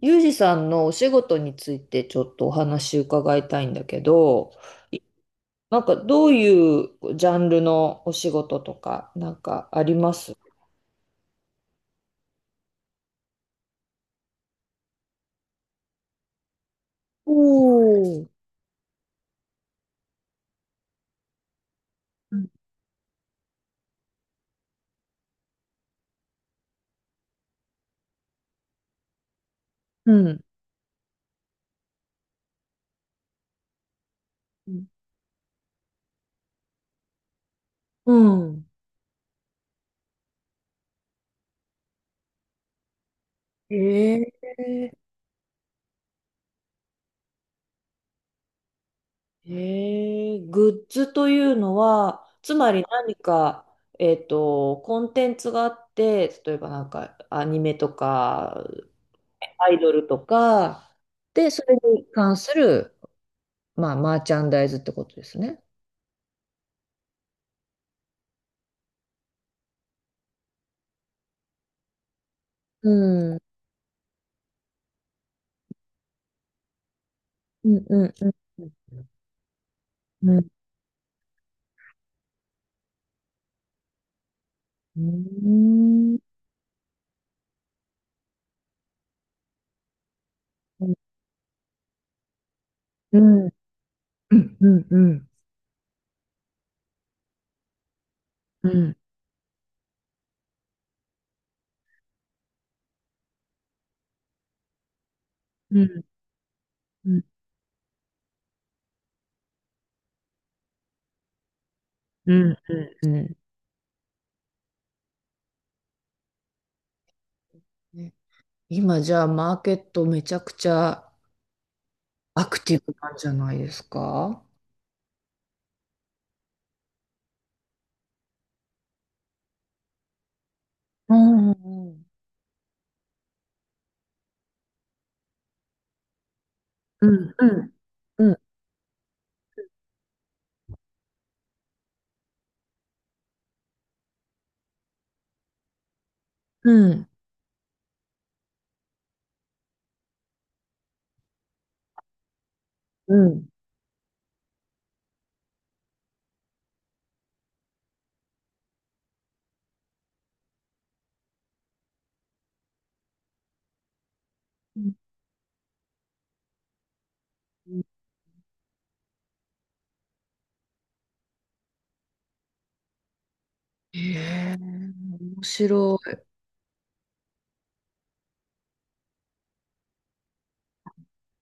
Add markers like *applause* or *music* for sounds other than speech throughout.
ユージさんのお仕事についてちょっとお話伺いたいんだけど、なんかどういうジャンルのお仕事とかなんかあります？おー、うん。うん。えグッズというのは、つまり何か、コンテンツがあって、例えばなんかアニメとか、アイドルとか、で、それに関する、まあ、マーチャンダイズってことですね。うん、うん、うん、うん、うん、うん、うん、うん、うん、うん、うん、うん、うん、うん、うん、うん。ね、今じゃあマーケットめちゃくちゃアクティブなんじゃないですか？うん、うん、うん、うん、うん、うん、うん。へえ、面白い。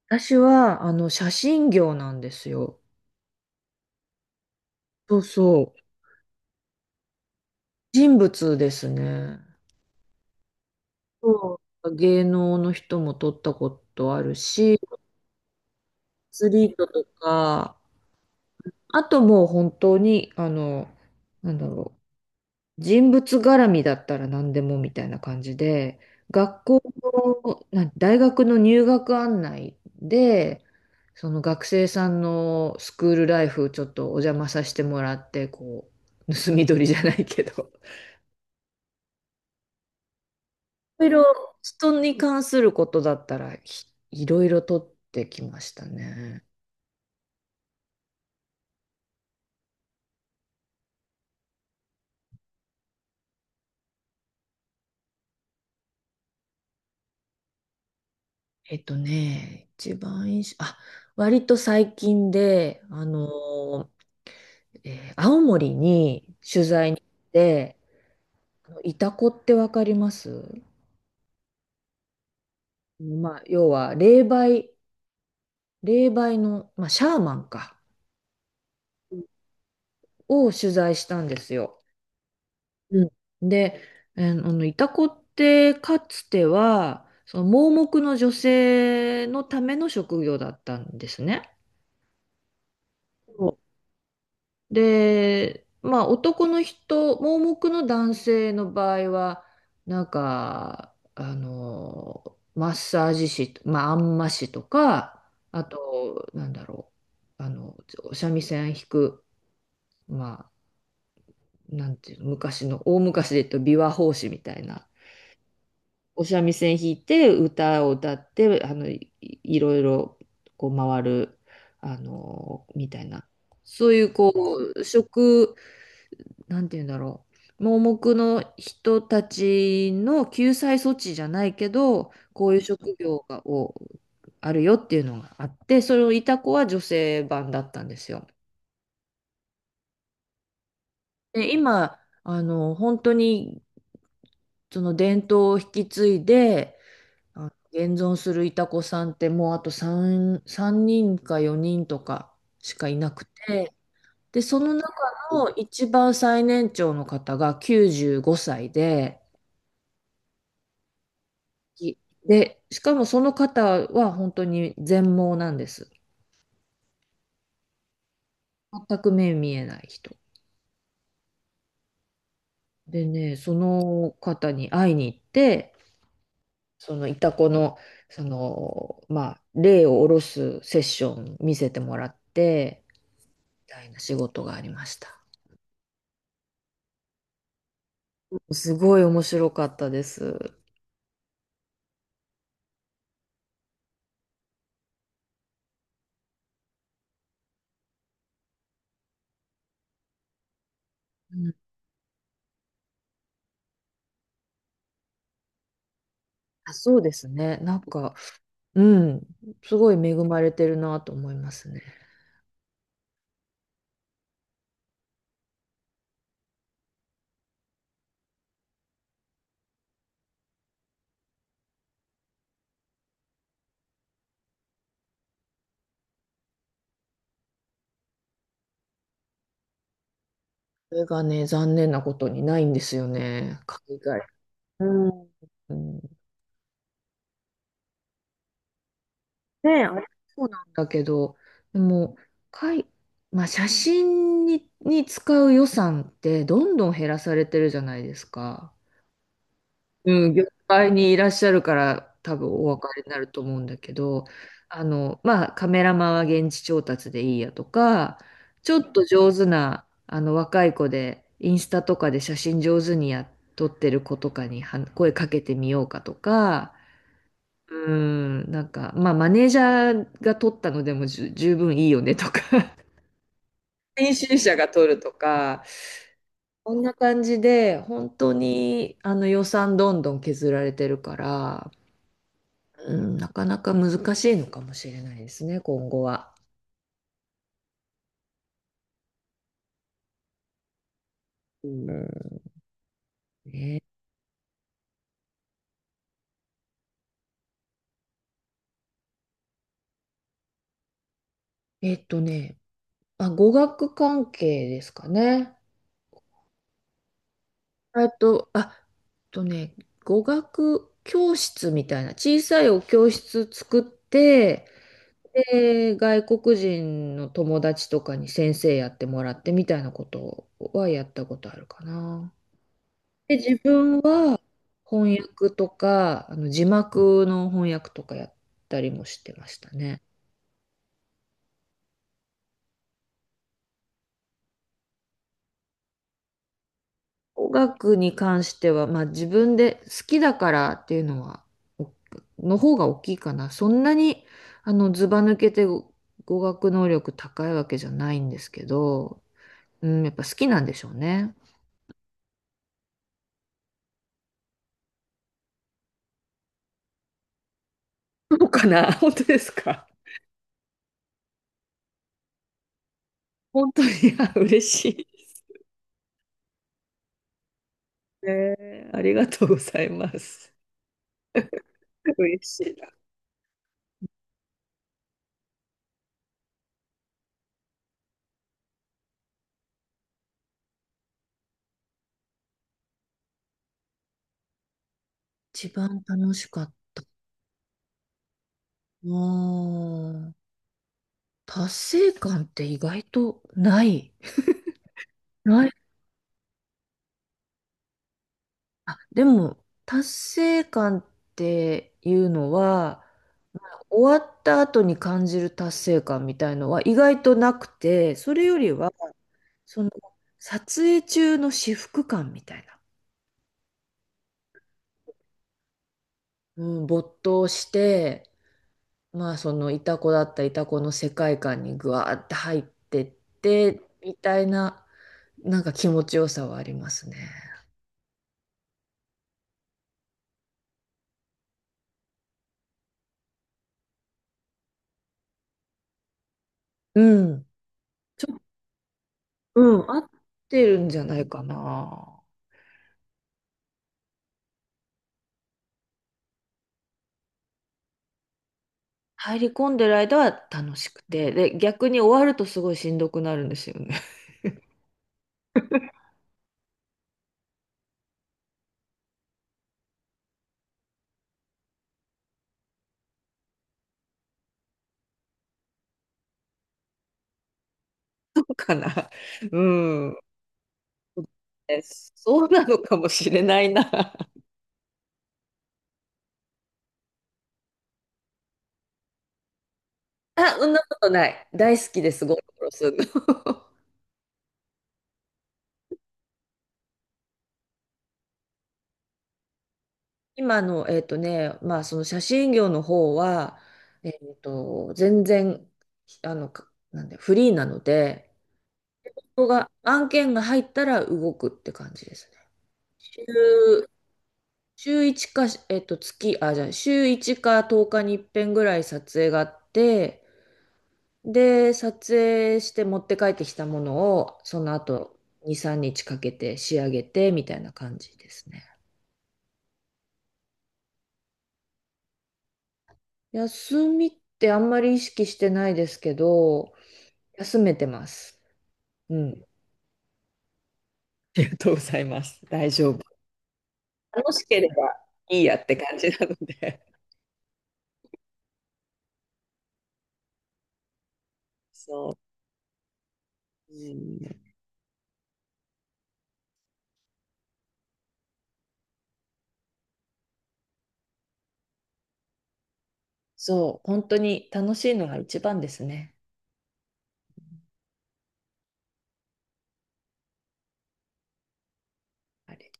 私はあの写真業なんですよ。そうそう。人物ですね。そう、芸能の人も撮ったことあるし、アスリートとか、あともう本当に、なんだろう、人物絡みだったら何でもみたいな感じで、学校の、な大学の入学案内で、その学生さんのスクールライフちょっとお邪魔させてもらって、こう、盗み撮りじゃないけど、いろいろ人に関することだったら、いろいろ撮ってきましたね。一番印象、あ、割と最近で、青森に取材に行って、あのイタコってわかります？まあ、要は霊媒、霊媒の、まあ、シャーマンか、を取材したんですよ。うん。で、あのイタコってかつては、その盲目の女性のための職業だったんですね。で、まあ男の人、盲目の男性の場合は、なんか、マッサージ師、まあ、あんま師とか、あと、なんだろう、お三味線弾く、まあ、なんていうの、昔の、大昔で言うと琵琶法師みたいな、お三味線弾いて、歌を歌って、いろいろ、こう回る、みたいな、そういう、こう、職、なんて言うんだろう。盲目の人たちの救済措置じゃないけど、こういう職業をあるよっていうのがあって、それをいた子は女性版だったんですよ。で、今、本当にその伝統を引き継いで、あ、現存するいた子さんってもうあと3人か4人とかしかいなくて、で、その中の一番最年長の方が95歳で、き。で、しかもその方は本当に全盲なんです。全く目見えない人。でね、その方に会いに行って、そのイタコの、その、まあ、霊を下ろすセッション見せてもらって、みたいな仕事がありました。すごい面白かったです。うん、あ、そうですね。なんか、うん、すごい恵まれてるなと思いますね。それがね、残念なことにないんですよね。海外。うん。うん。ねえ、あれそうなんだけど、でも、かい、まあ、写真に使う予算ってどんどん減らされてるじゃないですか。うん、業界にいらっしゃるから多分お分かりになると思うんだけど、まあ、カメラマンは現地調達でいいやとか、ちょっと上手な、若い子で、インスタとかで写真上手にやっとってる子とかには声かけてみようかとか、うん、なんか、まあ、マネージャーが取ったのでも十分いいよねとか *laughs* 編集者が取るとか、こんな感じで、本当にあの予算どんどん削られてるから、うん、なかなか難しいのかもしれないですね、今後は。うん。ね、えっとね、あ、語学関係ですかね。あ、とね、語学教室みたいな、小さいお教室作って、で、外国人の友達とかに先生やってもらってみたいなことはやったことあるかな。で、自分は翻訳とか、あの字幕の翻訳とかやったりもしてましたね。語学に関しては、まあ自分で好きだからっていうのは、おの方が大きいかな。そんなに、ずば抜けて語学能力高いわけじゃないんですけど、うん、やっぱ好きなんでしょうね。そうかな、本当ですか？本当に、あ、嬉しい。ありがとうございます。嬉しいな。一番楽しかった。あー達成感って意外とない。ない。あ、でも、達成感っていうのは、まあ終わった後に感じる達成感みたいのは意外となくて、それよりは、その、撮影中の至福感みたいな。うん、没頭して、まあそのイタコの世界観にぐわーって入ってってみたいななんか気持ちよさはありますね。うん、うん、合ってるんじゃないかな。入り込んでる間は楽しくて、で、逆に終わるとすごいしんどくなるんですよね。*laughs* そうかな。うん。そうなのかもしれないな。あ、そんなことない。大好きです、ゴロゴロするの。*laughs* 今の、まあ、その写真業の方は、全然、あの、かなんで、フリーなので、ここが、案件が入ったら動くって感じですね。週、週1か、月、あ、じゃあ、週1か10日に一遍ぐらい撮影があって、で、撮影して持って帰ってきたものを、その後、2、3日かけて仕上げて、みたいな感じですね。休みってあんまり意識してないですけど、休めてます。うん。ありがとうございます。大丈夫。楽しければいいやって感じなので。*laughs* そう。うん、そう、本当に楽しいのが一番ですね。あれ